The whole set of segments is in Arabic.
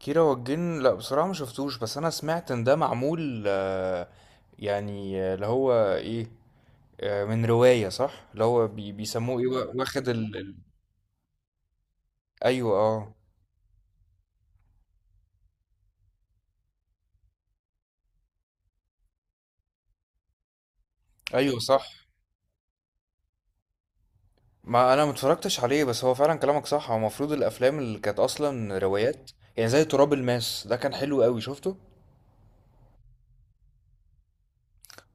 كيرة والجن، لا بصراحة ما شفتوش. بس انا سمعت ان ده معمول، اللي هو ايه، من رواية صح. اللي هو بي بيسموه ايه؟ واخد ايوه اه. ايوه صح، ما انا متفرجتش عليه، بس هو فعلا كلامك صح، هو المفروض الافلام اللي كانت اصلا روايات، يعني زي تراب الماس، ده كان حلو قوي، شفته.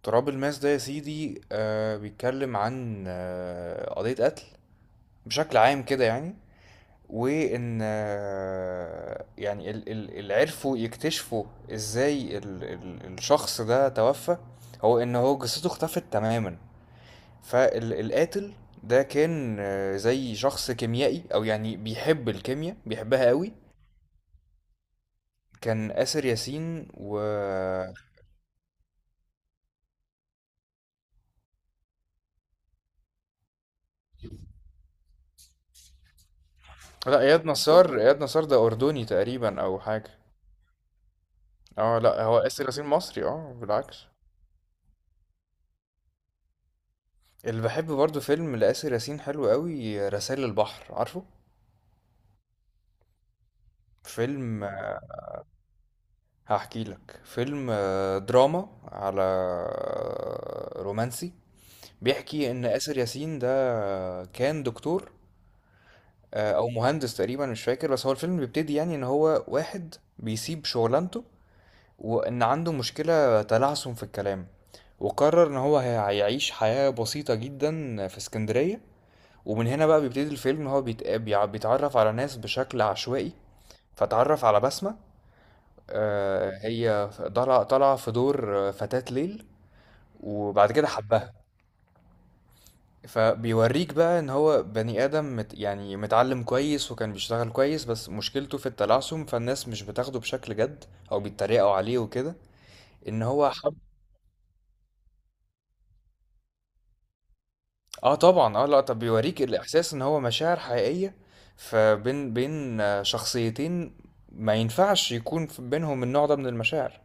تراب الماس ده يا سيدي بيتكلم عن قضية قتل بشكل عام كده يعني. وان اللي عرفوا يكتشفوا ازاي الشخص ده توفى، هو ان هو جثته اختفت تماما. فالقاتل ده كان، زي شخص كيميائي، او يعني بيحب الكيمياء، بيحبها قوي. كان آسر ياسين و... لا، اياد نصار، اياد نصار ده اردني تقريبا او حاجه. اه لا، هو آسر ياسين مصري، اه بالعكس. اللي بحب برضو فيلم لآسر ياسين حلو قوي، رسائل البحر، عارفه فيلم؟ هحكي لك. فيلم دراما، على رومانسي. بيحكي ان اسر ياسين ده كان دكتور او مهندس، تقريبا مش فاكر. بس هو الفيلم بيبتدي يعني ان هو واحد بيسيب شغلانته، وان عنده مشكلة تلعثم في الكلام، وقرر ان هو هيعيش حياة بسيطة جدا في اسكندرية. ومن هنا بقى بيبتدي الفيلم، ان هو بيتعرف على ناس بشكل عشوائي، فتعرف على بسمة. هي طالعة في دور فتاة ليل، وبعد كده حبها. فبيوريك بقى ان هو بني ادم مت يعني متعلم كويس، وكان بيشتغل كويس، بس مشكلته في التلعثم، فالناس مش بتاخده بشكل جد، او بيتريقوا عليه وكده. ان هو حب. اه طبعا، اه لا، طب بيوريك الاحساس ان هو مشاعر حقيقية فبين شخصيتين ما ينفعش يكون بينهم النوع ده من المشاعر.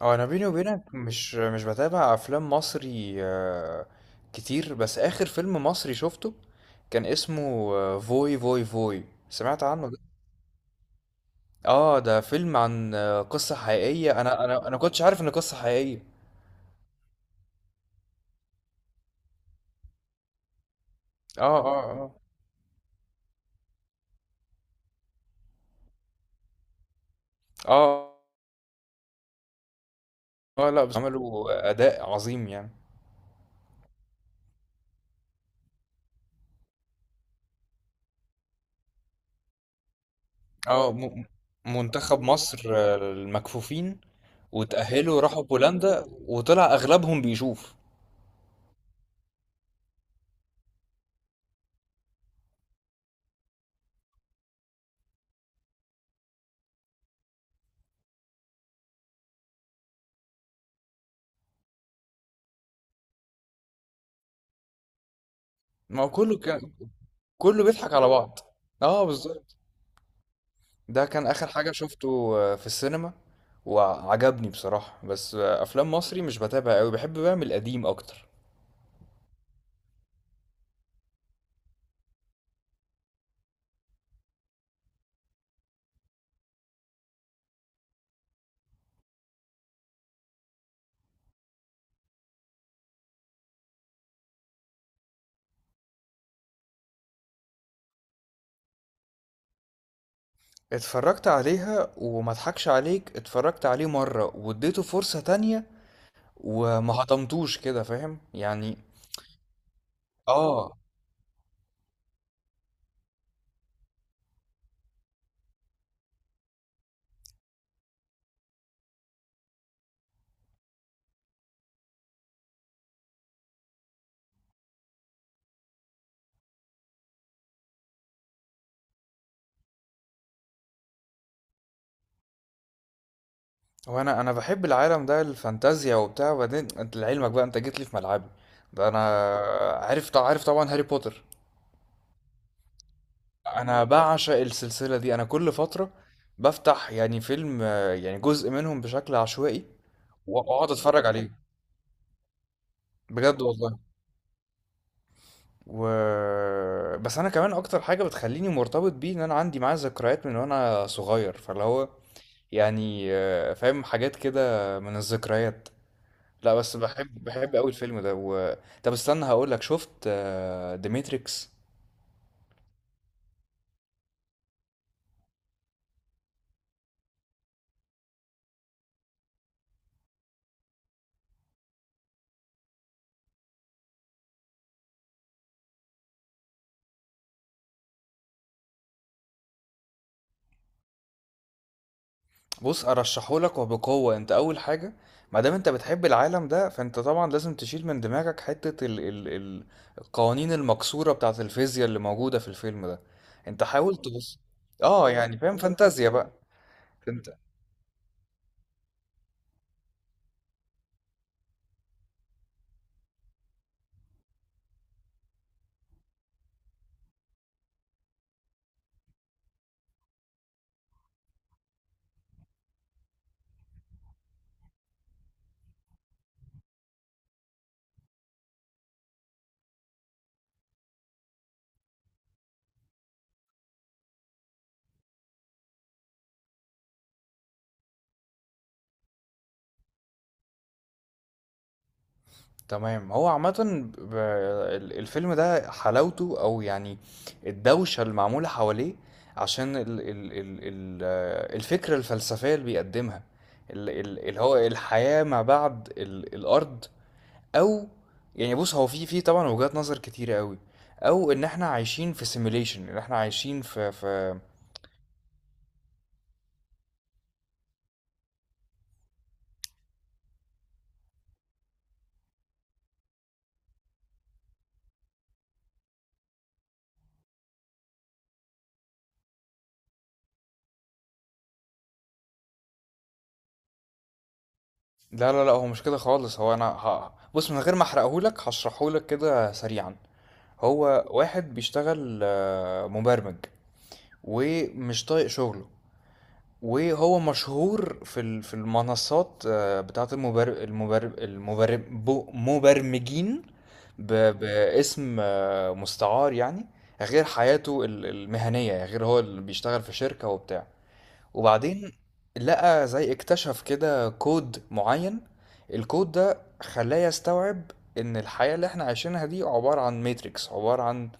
اه انا بيني وبينك مش بتابع افلام مصري كتير، بس اخر فيلم مصري شفته كان اسمه فوي فوي فوي، سمعت عنه ده؟ اه، ده فيلم عن قصة حقيقية، انا كنتش عارف ان قصة حقيقية. اه اه اه اه. اه لا، بس عملوا اداء عظيم يعني. اه م- منتخب مصر المكفوفين، وتأهلوا راحوا بولندا، وطلع اغلبهم بيشوف. ما هو كله كان، كله بيضحك على بعض. اه بالظبط. ده كان اخر حاجة شفته في السينما، وعجبني بصراحة. بس افلام مصري مش بتابع قوي، بحب بقى من القديم اكتر. اتفرجت عليها، وما اضحكش عليك، اتفرجت عليه مرة واديته فرصة تانية وما هضمتوش كده، فاهم يعني. اه. هو انا بحب العالم ده، الفانتازيا وبتاع، وبعدين انت لعلمك بقى، انت جيت لي في ملعبي. ده انا عارف طبعا، هاري بوتر، انا بعشق السلسله دي. انا كل فتره بفتح يعني فيلم، يعني جزء منهم بشكل عشوائي، واقعد اتفرج عليه. بجد والله. و... بس انا كمان اكتر حاجه بتخليني مرتبط بيه ان انا عندي معاه ذكريات من وانا صغير، فاللي هو يعني فاهم، حاجات كده من الذكريات. لا بس بحب قوي الفيلم ده. و... طب استنى هقول لك، شفت ذا ماتريكس؟ بص ارشحهولك وبقوة. انت اول حاجة ما دام انت بتحب العالم ده، فانت طبعا لازم تشيل من دماغك حتة ال القوانين المكسورة بتاعة الفيزياء اللي موجودة في الفيلم ده. انت حاول تبص. اه يعني فاهم، فانتازيا بقى. انت تمام. هو عامة الفيلم ده حلاوته، او يعني الدوشة المعمولة حواليه، عشان ال الفكرة الفلسفية اللي بيقدمها، اللي هو الحياة ما بعد الأرض، او يعني. بص هو في طبعا وجهات نظر كتيرة قوي، او ان احنا عايشين في سيميليشن، ان احنا عايشين في لا لا لا، هو مش كده خالص. هو انا بص، من غير ما احرقهولك هشرحهولك كده سريعا. هو واحد بيشتغل مبرمج، ومش طايق شغله. وهو مشهور في المنصات بتاعت مبرمجين، باسم مستعار يعني، غير حياته المهنية، يعني غير هو اللي بيشتغل في شركة وبتاع. وبعدين لقى، زي اكتشف كده، كود معين، الكود ده خلاه يستوعب ان الحياة اللي احنا عايشينها دي عبارة عن ماتريكس، عبارة عن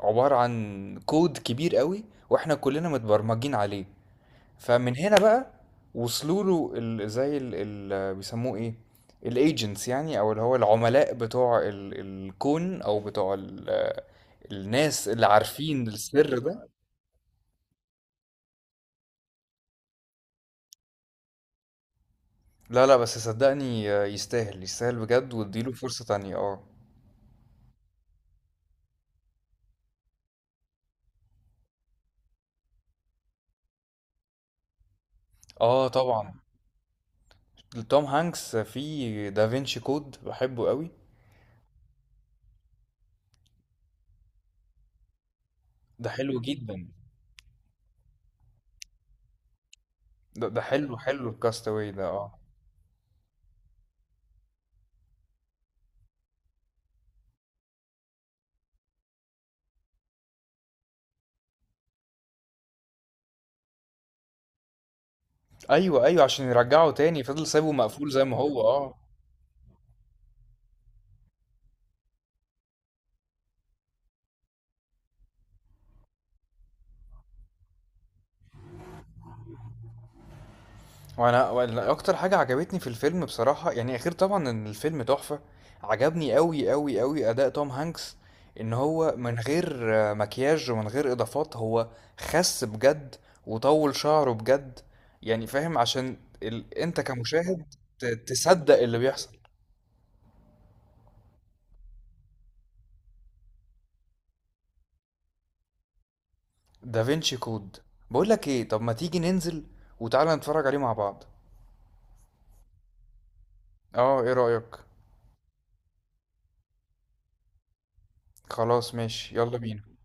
عبارة عن كود كبير قوي، واحنا كلنا متبرمجين عليه. فمن هنا بقى وصلوا له زي ال بيسموه ايه، الايجنتس يعني، او اللي هو العملاء بتوع ال الكون، او بتوع ال الناس اللي عارفين السر ده. لا لا، بس صدقني يستاهل، يستاهل بجد، واديله فرصة تانية اه. اه طبعا، توم هانكس في دافينشي كود بحبه قوي. ده حلو جدا. ده حلو، حلو الكاستاوي ده اه. ايوه ايوه، عشان يرجعه تاني فضل سايبه مقفول زي ما هو اه. وأنا اكتر حاجه عجبتني في الفيلم بصراحه، يعني غير طبعا ان الفيلم تحفه، عجبني قوي اداء توم هانكس، ان هو من غير مكياج ومن غير اضافات، هو خس بجد، وطول شعره بجد، يعني فاهم، عشان انت كمشاهد تصدق اللي بيحصل. دافينشي كود، بقول لك ايه، طب ما تيجي ننزل وتعالى نتفرج عليه مع بعض؟ اه، ايه رأيك؟ خلاص ماشي، يلا بينا.